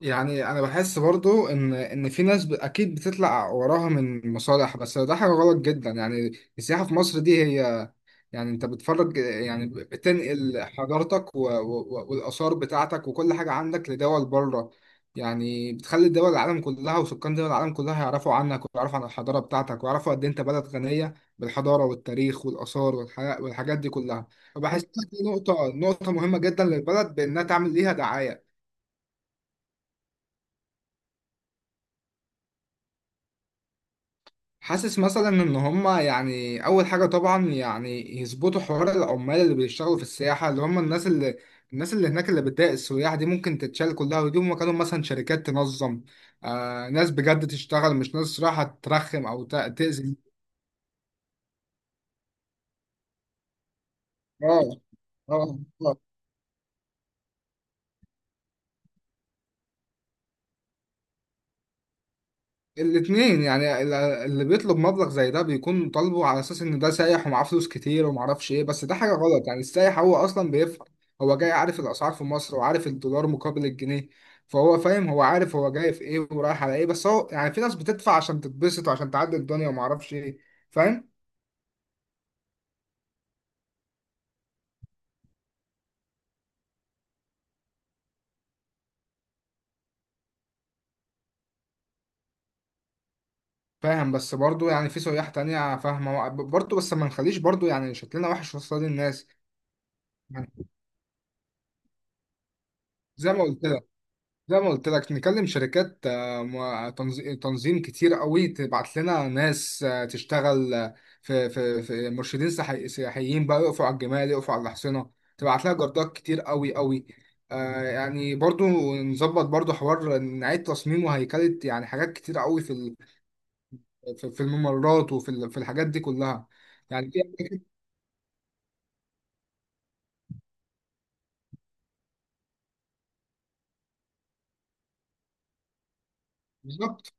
يعني انا بحس برضو ان في ناس اكيد بتطلع وراها من مصالح، بس ده حاجه غلط جدا يعني. السياحه في مصر دي هي، يعني انت بتفرج، يعني بتنقل حضارتك والاثار بتاعتك وكل حاجه عندك لدول بره. يعني بتخلي دول العالم كلها وسكان دول العالم كلها يعرفوا عنك ويعرفوا عن الحضاره بتاعتك، ويعرفوا قد إيه انت بلد غنيه بالحضاره والتاريخ والاثار والحاجات دي كلها. وبحسها دي نقطه مهمه جدا للبلد بانها تعمل ليها دعايه. حاسس مثلا ان هما يعني اول حاجه طبعا يعني يظبطوا حوار العمال اللي بيشتغلوا في السياحه، اللي هم الناس اللي الناس اللي هناك اللي بتضايق السياح دي ممكن تتشال كلها، ويجيبوا مكانهم مثلا شركات تنظم. ناس بجد تشتغل، مش ناس رايحه ترخم او تاذي. اه. اه. آه. الاتنين يعني، اللي بيطلب مبلغ زي ده بيكون طالبه على اساس ان ده سايح ومعاه فلوس كتير ومعرفش ايه، بس ده حاجه غلط. يعني السايح هو اصلا بيفهم، هو جاي عارف الاسعار في مصر وعارف الدولار مقابل الجنيه، فهو فاهم. هو عارف هو جاي في ايه ورايح على ايه، بس هو يعني في ناس بتدفع عشان تتبسط وعشان تعدي الدنيا ومعرفش ايه. فاهم، فاهم. بس برضو يعني في سياح تانية فاهمة برضو، بس ما نخليش برضو يعني شكلنا وحش قصاد الناس. يعني زي ما قلت زي ما قلت لك نكلم شركات، تنظيم كتير قوي تبعت لنا ناس تشتغل. في مرشدين سياحيين بقى يقفوا على الجمال، يقفوا على الحصينة. تبعت لها جردات كتير قوي قوي. يعني برضو نظبط برضو حوار، نعيد تصميمه هيكلة، يعني حاجات كتير قوي في الممرات، وفي ال- في الحاجات دي كلها. يعني في- بالظبط،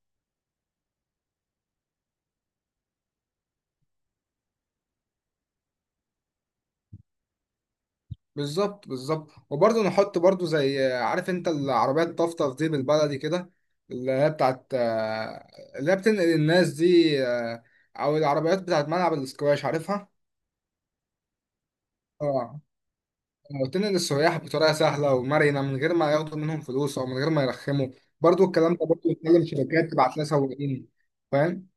بالظبط، بالظبط. وبرضه نحط برضه زي، عارف انت العربية الطفطف دي بالبلدي كده، اللي هي بتاعت، اللي هي بتنقل الناس دي، او العربيات بتاعت ملعب الاسكواش، عارفها؟ اه. بتنقل السياح بطريقة سهلة ومرنة، من غير ما ياخدوا منهم فلوس، او من غير ما يرخموا. برضه الكلام ده برضه يتكلم شركات تبعت لها سواقين، فاهم؟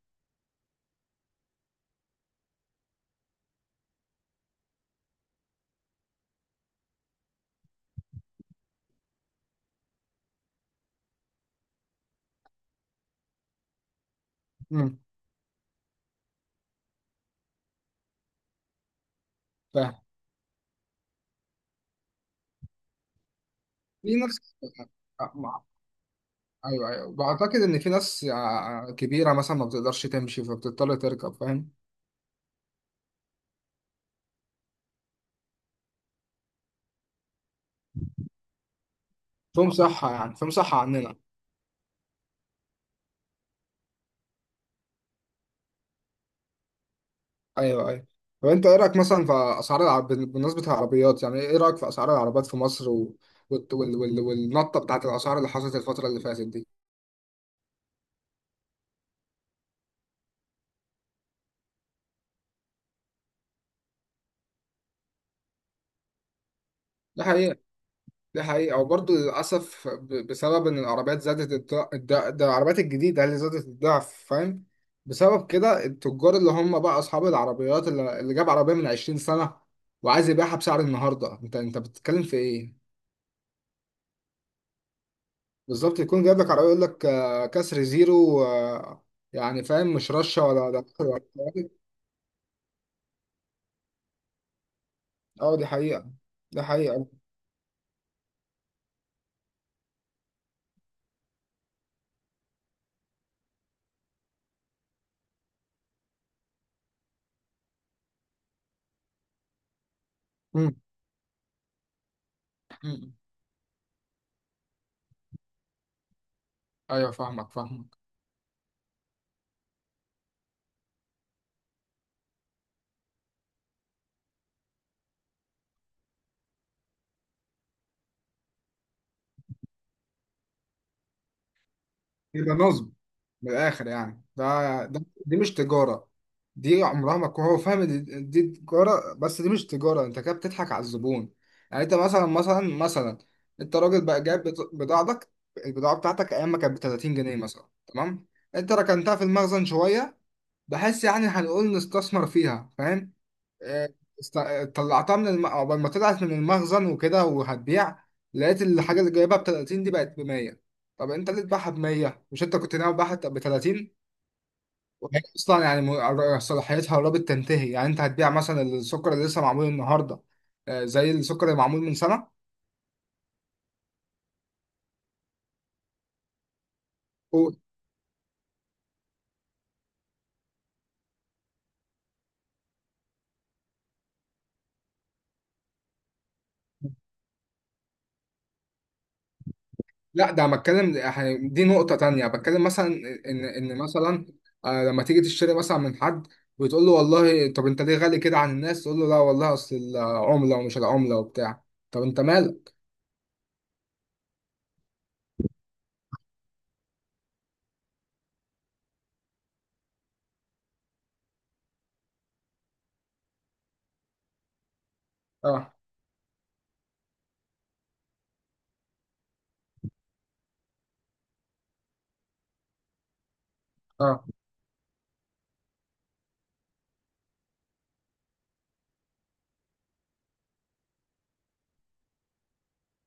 امم. فاهم. في ناس آه، آه، مع- ايوه، ايوه، بعتقد ان في ناس كبيرة مثلا ما بتقدرش تمشي فبتضطر تركب، فاهم؟ في مصحة يعني في مصحة عننا. أيوه، أيوه. طب أنت إيه رأيك مثلا في أسعار العرب بالنسبة للعربيات؟ يعني إيه رأيك في أسعار العربيات في مصر و... والت- وال... وال... والنطة بتاعت الأسعار اللي حصلت الفترة اللي فاتت دي؟ دي حقيقة. دي حقيقة. وبرضه للأسف، بسبب إن العربيات زادت الضعف، ده العربيات الجديدة اللي زادت الضعف، فاهم. بسبب كده التجار اللي هم بقى أصحاب العربيات اللي جاب عربية من 20 سنة وعايز يبيعها بسعر النهاردة. أنت بتتكلم في إيه؟ بالظبط. يكون جايب لك عربية يقول لك كسر زيرو. يعني فاهم، مش رشة ولا ده ولا بتاع. اه، دي حقيقة، دي حقيقة. مم. مم. ايوه، فاهمك، فاهمك. يبقى نظم. من الآخر يعني ده, ده دي مش تجارة، دي عمرها ما تكون. هو فاهم دي تجارة، بس دي مش تجارة. انت كده بتضحك على الزبون. يعني انت مثلا، انت راجل بقى جايب بضاعتك. البضاعة بتاعتك ايام ما كانت ب 30 جنيه مثلا، تمام. انت ركنتها في المخزن شوية، بحس يعني هنقول نستثمر فيها، فاهم. آه، طلعتها من عقبال ما طلعت من المخزن وكده وهتبيع، لقيت الحاجة اللي جايبها ب 30 دي بقت ب 100. طب انت ليه تبيعها ب 100؟ مش انت كنت ناوي تبيعها ب 30؟ وهي اصلا يعني صلاحيتها قربت تنتهي. يعني انت هتبيع مثلا السكر اللي لسه معمول النهارده زي السكر اللي معمول من سنة. لا، ده أنا بتكلم يعني دي نقطة تانية. بتكلم مثلا إن مثلا، لما تيجي تشتري مثلا من حد وتقول له والله، طب أنت ليه غالي كده عن الناس؟ تقول له لا والله، أصل العملة ومش العملة وبتاع. طب أنت مالك؟ أه. أه.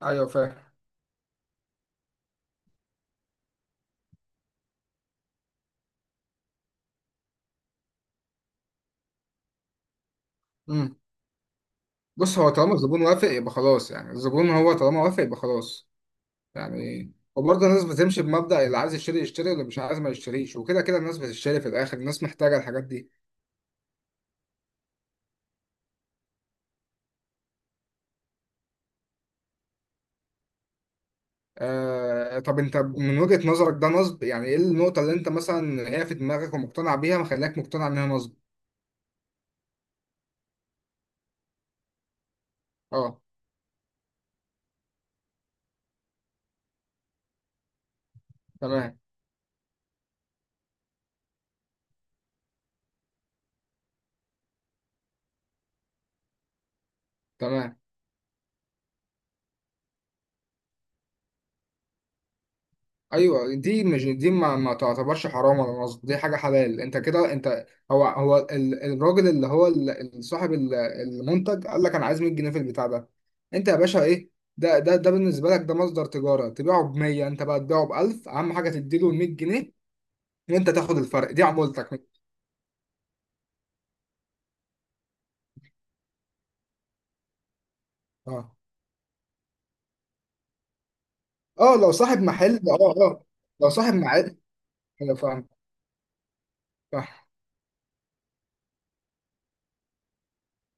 أيوه، فاهم. مم. بص، هو طالما الزبون وافق يبقى خلاص، يعني الزبون هو طالما وافق يبقى خلاص. يعني وبرضه الناس بتمشي بمبدأ اللي عايز يشتري يشتري واللي مش عايز ما يشتريش. وكده كده الناس بتشتري في الآخر، الناس محتاجة الحاجات دي. آه، طب انت من وجهة نظرك ده نصب، يعني ايه النقطة اللي انت مثلا هي في دماغك ومقتنع بيها مخليك مقتنع انها نصب؟ اه. تمام، تمام. ايوه، دي مش دي، ما تعتبرش حرام ولا نصب، دي حاجة حلال. انت كده انت، الراجل اللي هو صاحب المنتج قال لك انا عايز 100 جنيه في البتاع ده، انت يا باشا ايه؟ ده بالنسبة لك ده مصدر تجارة، تبيعه ب 100، انت بقى تبيعه ب 1000، اهم حاجة تديله 100 جنيه وانت تاخد الفرق دي عمولتك. اه، اه، لو صاحب محل، اه، اه. لو صاحب محل، انا فاهم. صح.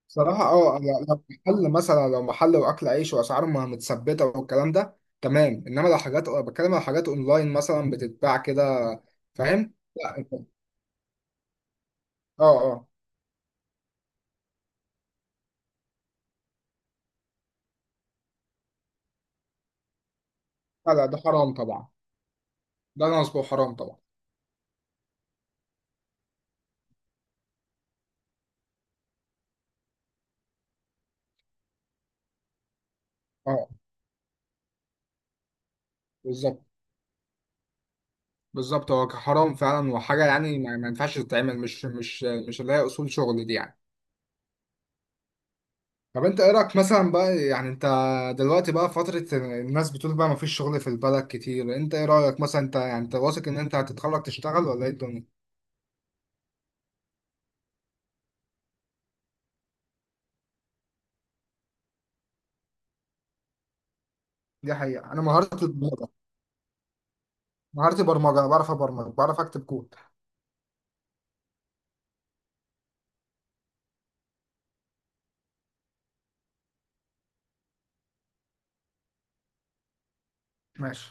صراحة، اه، لو محل مثلا، لو محل واكل عيش واسعاره ما متثبتة والكلام ده تمام، انما لو حاجات، بتكلم على حاجات اونلاين مثلا بتتباع كده، فاهم؟ لا انت- اه، اه، لا، لا، ده حرام طبعا. ده نصب، حرام طبعا. اه، بالظبط. بالظبط، هو حرام فعلا، وحاجة يعني ما ينفعش تتعمل، مش اللي هي اصول شغل دي يعني. طب انت ايه رايك مثلا بقى، يعني انت دلوقتي بقى فتره الناس بتقول بقى مفيش شغل في البلد كتير، انت ايه رايك مثلا؟ انت يعني انت واثق ان انت هتتخرج تشتغل، ولا ايه الدنيا؟ دي حقيقه. انا مهارتي البرمجه. مهارتي برمجه، أنا بعرف ابرمج، بعرف اكتب كود. ماشي.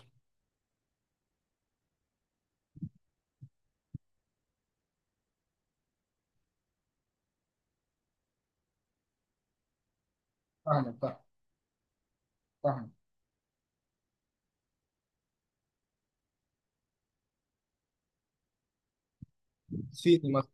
فاهمك. فاهم، فاهم. فيني مثلا.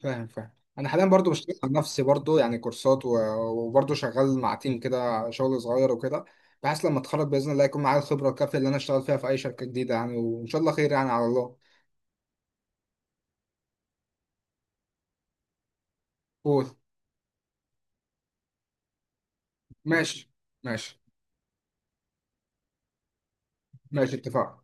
فاهم، فاهم. انا حاليا برضو بشتغل على نفسي، برضو يعني كورسات وبرضو شغال مع تيم كده شغل صغير وكده، بحيث لما اتخرج باذن الله يكون معايا الخبره الكافيه اللي انا اشتغل فيها في اي شركه جديده يعني، وان شاء الله خير يعني، على الله. قول. ماشي. ماشي. ماشي، اتفقنا.